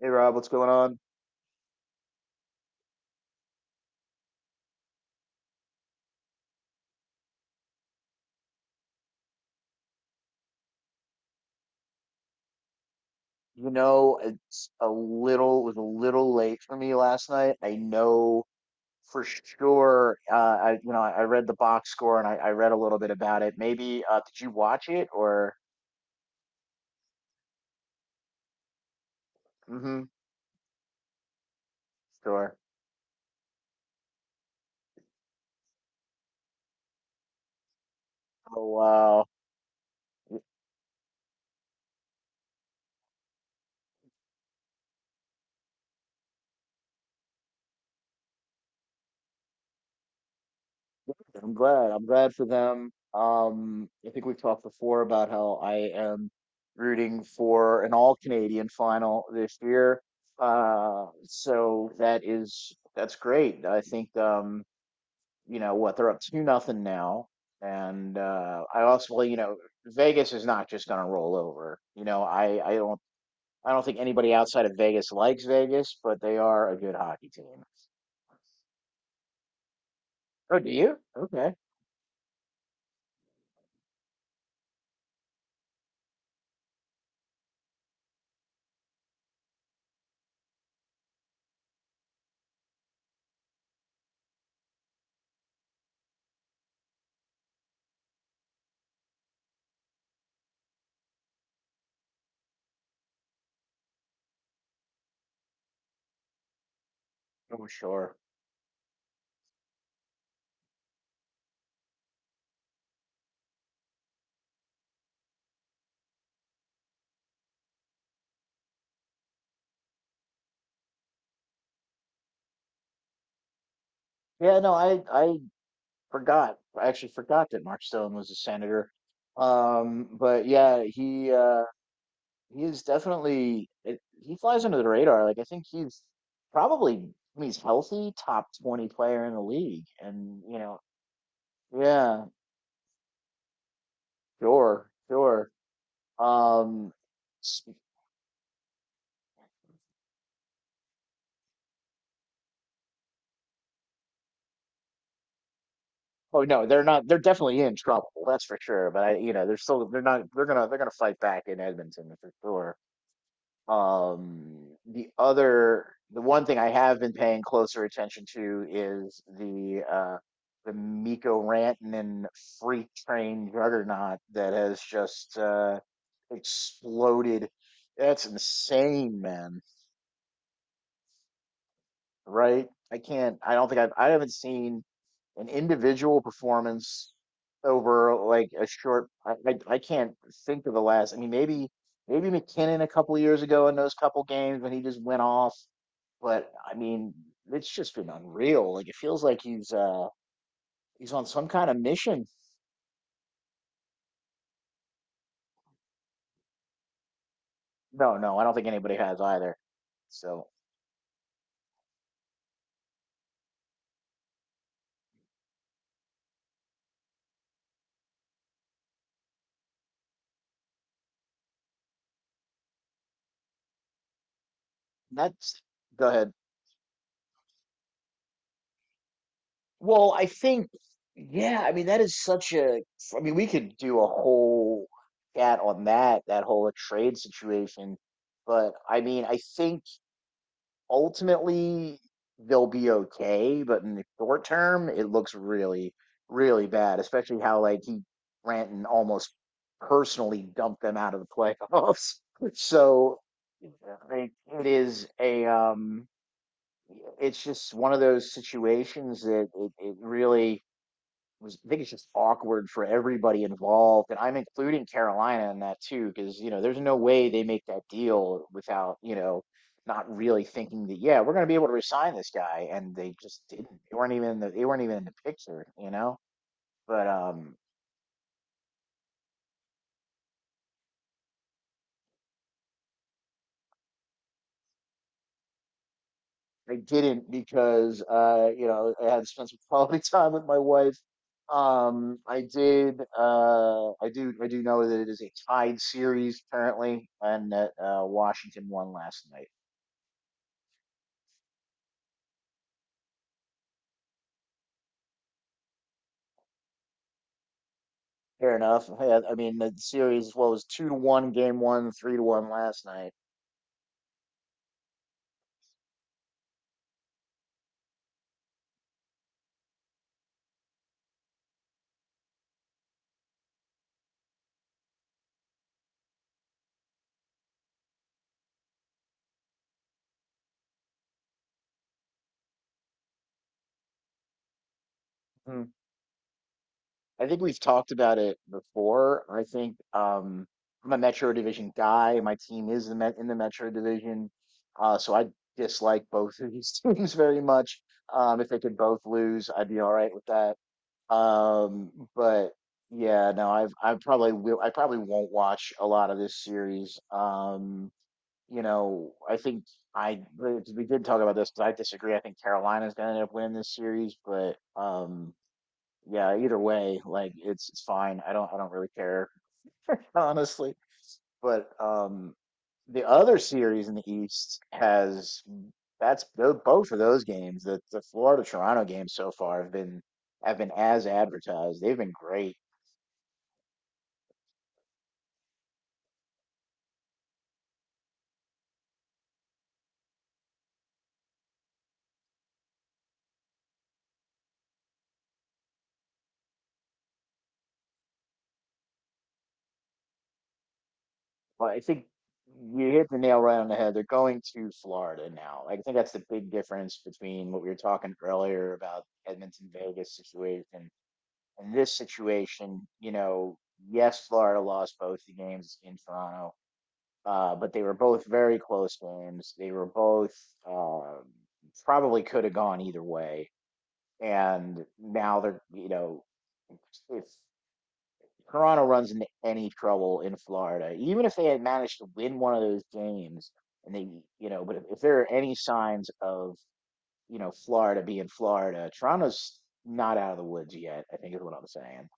Hey Rob, what's going on? It's a little was a little late for me last night. I know for sure. I I read the box score and I read a little bit about it. Maybe did you watch it or? Mm-hmm. Sure. Oh wow. Yeah, I'm glad. I'm glad for them. I think we've talked before about how I am rooting for an all Canadian final this year. So that's great. I think what, they're up two nothing now, and I also. Well, Vegas is not just going to roll over. You know, I don't. I don't think anybody outside of Vegas likes Vegas, but they are a good hockey team. Oh, do you? Okay. Oh, sure. Yeah, no, I forgot. I actually forgot that Mark Stone was a senator. But yeah, he he's definitely he flies under the radar. Like I think he's probably, when he's healthy, top 20 player in the league. And you know, yeah, sure, sure. Um, s- oh no, they're not. They're definitely in trouble. That's for sure. But I, you know, they're still. They're not they're gonna fight back in Edmonton for sure. Um, the other, the one thing I have been paying closer attention to is the Miko Rantanen freight train juggernaut that has just exploded. That's insane, man. Right? I can't. I don't think I've. I haven't seen an individual performance over like a short. I can't think of the last. I mean, maybe McKinnon a couple of years ago in those couple games when he just went off. But I mean, it's just been unreal. Like it feels like he's he's on some kind of mission. No, no, I don't think anybody has either. So that's go ahead. Well, I think, yeah, I mean, that is such a, I mean, we could do a whole chat on that, that whole trade situation. But I mean, I think ultimately they'll be okay. But in the short term, it looks really, really bad, especially how Granton almost personally dumped them out of the playoffs. So like it is a, it's just one of those situations it really, was. I think it's just awkward for everybody involved, and I'm including Carolina in that too, because you know there's no way they make that deal without you know not really thinking that, yeah, we're going to be able to resign this guy, and they just didn't. They weren't even in the, they weren't even in the picture, you know. But they didn't, because you know I had to spend some quality time with my wife. I did. I do know that it is a tied series currently, and that Washington won last night. Fair enough. Yeah, I mean the series, what was, two to one game one, three to one last night. Hmm. I think we've talked about it before. I think I'm a Metro Division guy. My team is the Met in the Metro Division, so I dislike both of these teams very much. If they could both lose, I'd be all right with that. But yeah, no, I've. I probably will. I probably won't watch a lot of this series. You know, I think I we did talk about this because I disagree. I think Carolina's going to end up winning this series, but yeah, either way, like it's fine. I don't really care honestly. But the other series in the East has that's tho- both of those games. The Florida Toronto games so far have been as advertised. They've been great. Well, I think you hit the nail right on the head. They're going to Florida now. Like, I think that's the big difference between what we were talking earlier about Edmonton Vegas situation and this situation. You know, yes, Florida lost both the games in Toronto, but they were both very close games. They were both uh, probably could have gone either way. And now they're, you know, if Toronto runs into any trouble in Florida, even if they had managed to win one of those games, and they, you know, but if there are any signs of, you know, Florida being Florida, Toronto's not out of the woods yet, I think is what I'm saying.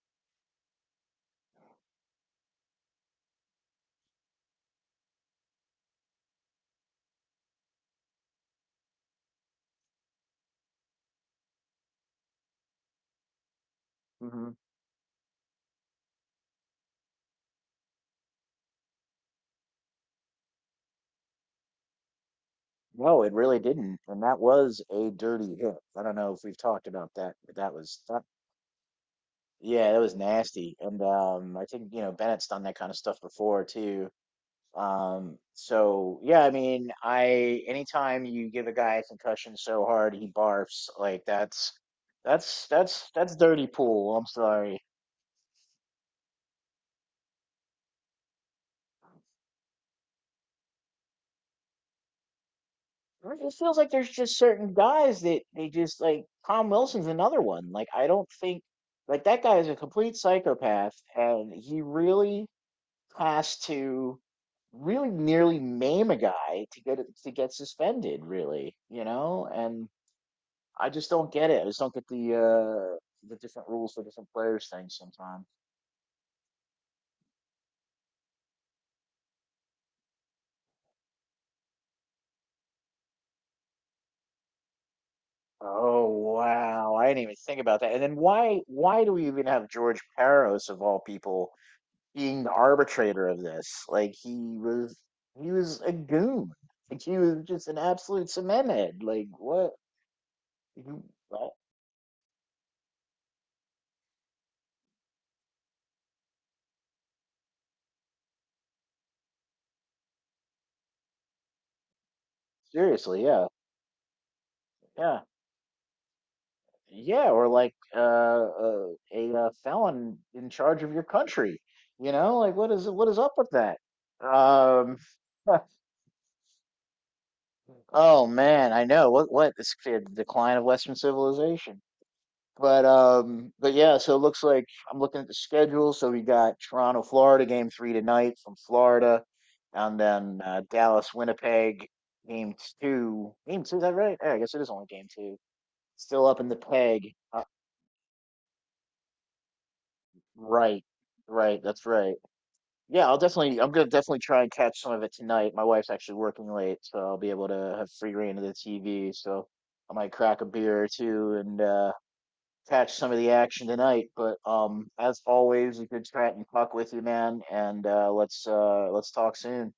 Hmm. No, it really didn't, and that was a dirty hit. I don't know if we've talked about that, but yeah, that was nasty. And I think, you know, Bennett's done that kind of stuff before too. So yeah, I mean, I, anytime you give a guy a concussion so hard he barfs, like that's dirty pool. I'm sorry. It feels like there's just certain guys that they just, like Tom Wilson's another one. Like I don't think, like that guy is a complete psychopath and he really has to really nearly maim a guy to get it to get suspended, really, you know? And I just don't get it. I just don't get the different rules for different players things sometimes. Oh wow, I didn't even think about that. And then why do we even have George Paros of all people being the arbitrator of this? Like he was. He was a goon. Like he was just an absolute cement head. Like what? You- well, seriously, yeah, yeah. Yeah, or like a felon in charge of your country. You know, like what is up with that? Um, oh man, I know what it's the decline of Western civilization. But yeah, so it looks like I'm looking at the schedule. So we got Toronto, Florida, game three tonight from Florida, and then Dallas, Winnipeg, game Game two, is that right? Yeah, I guess it is only game two. Still up in the peg. Right, right. That's right. Yeah, I'll definitely. I'm gonna definitely try and catch some of it tonight. My wife's actually working late, so I'll be able to have free reign of the TV. So I might crack a beer or two and catch some of the action tonight. But as always, a good chat and talk with you, man. And let's talk soon.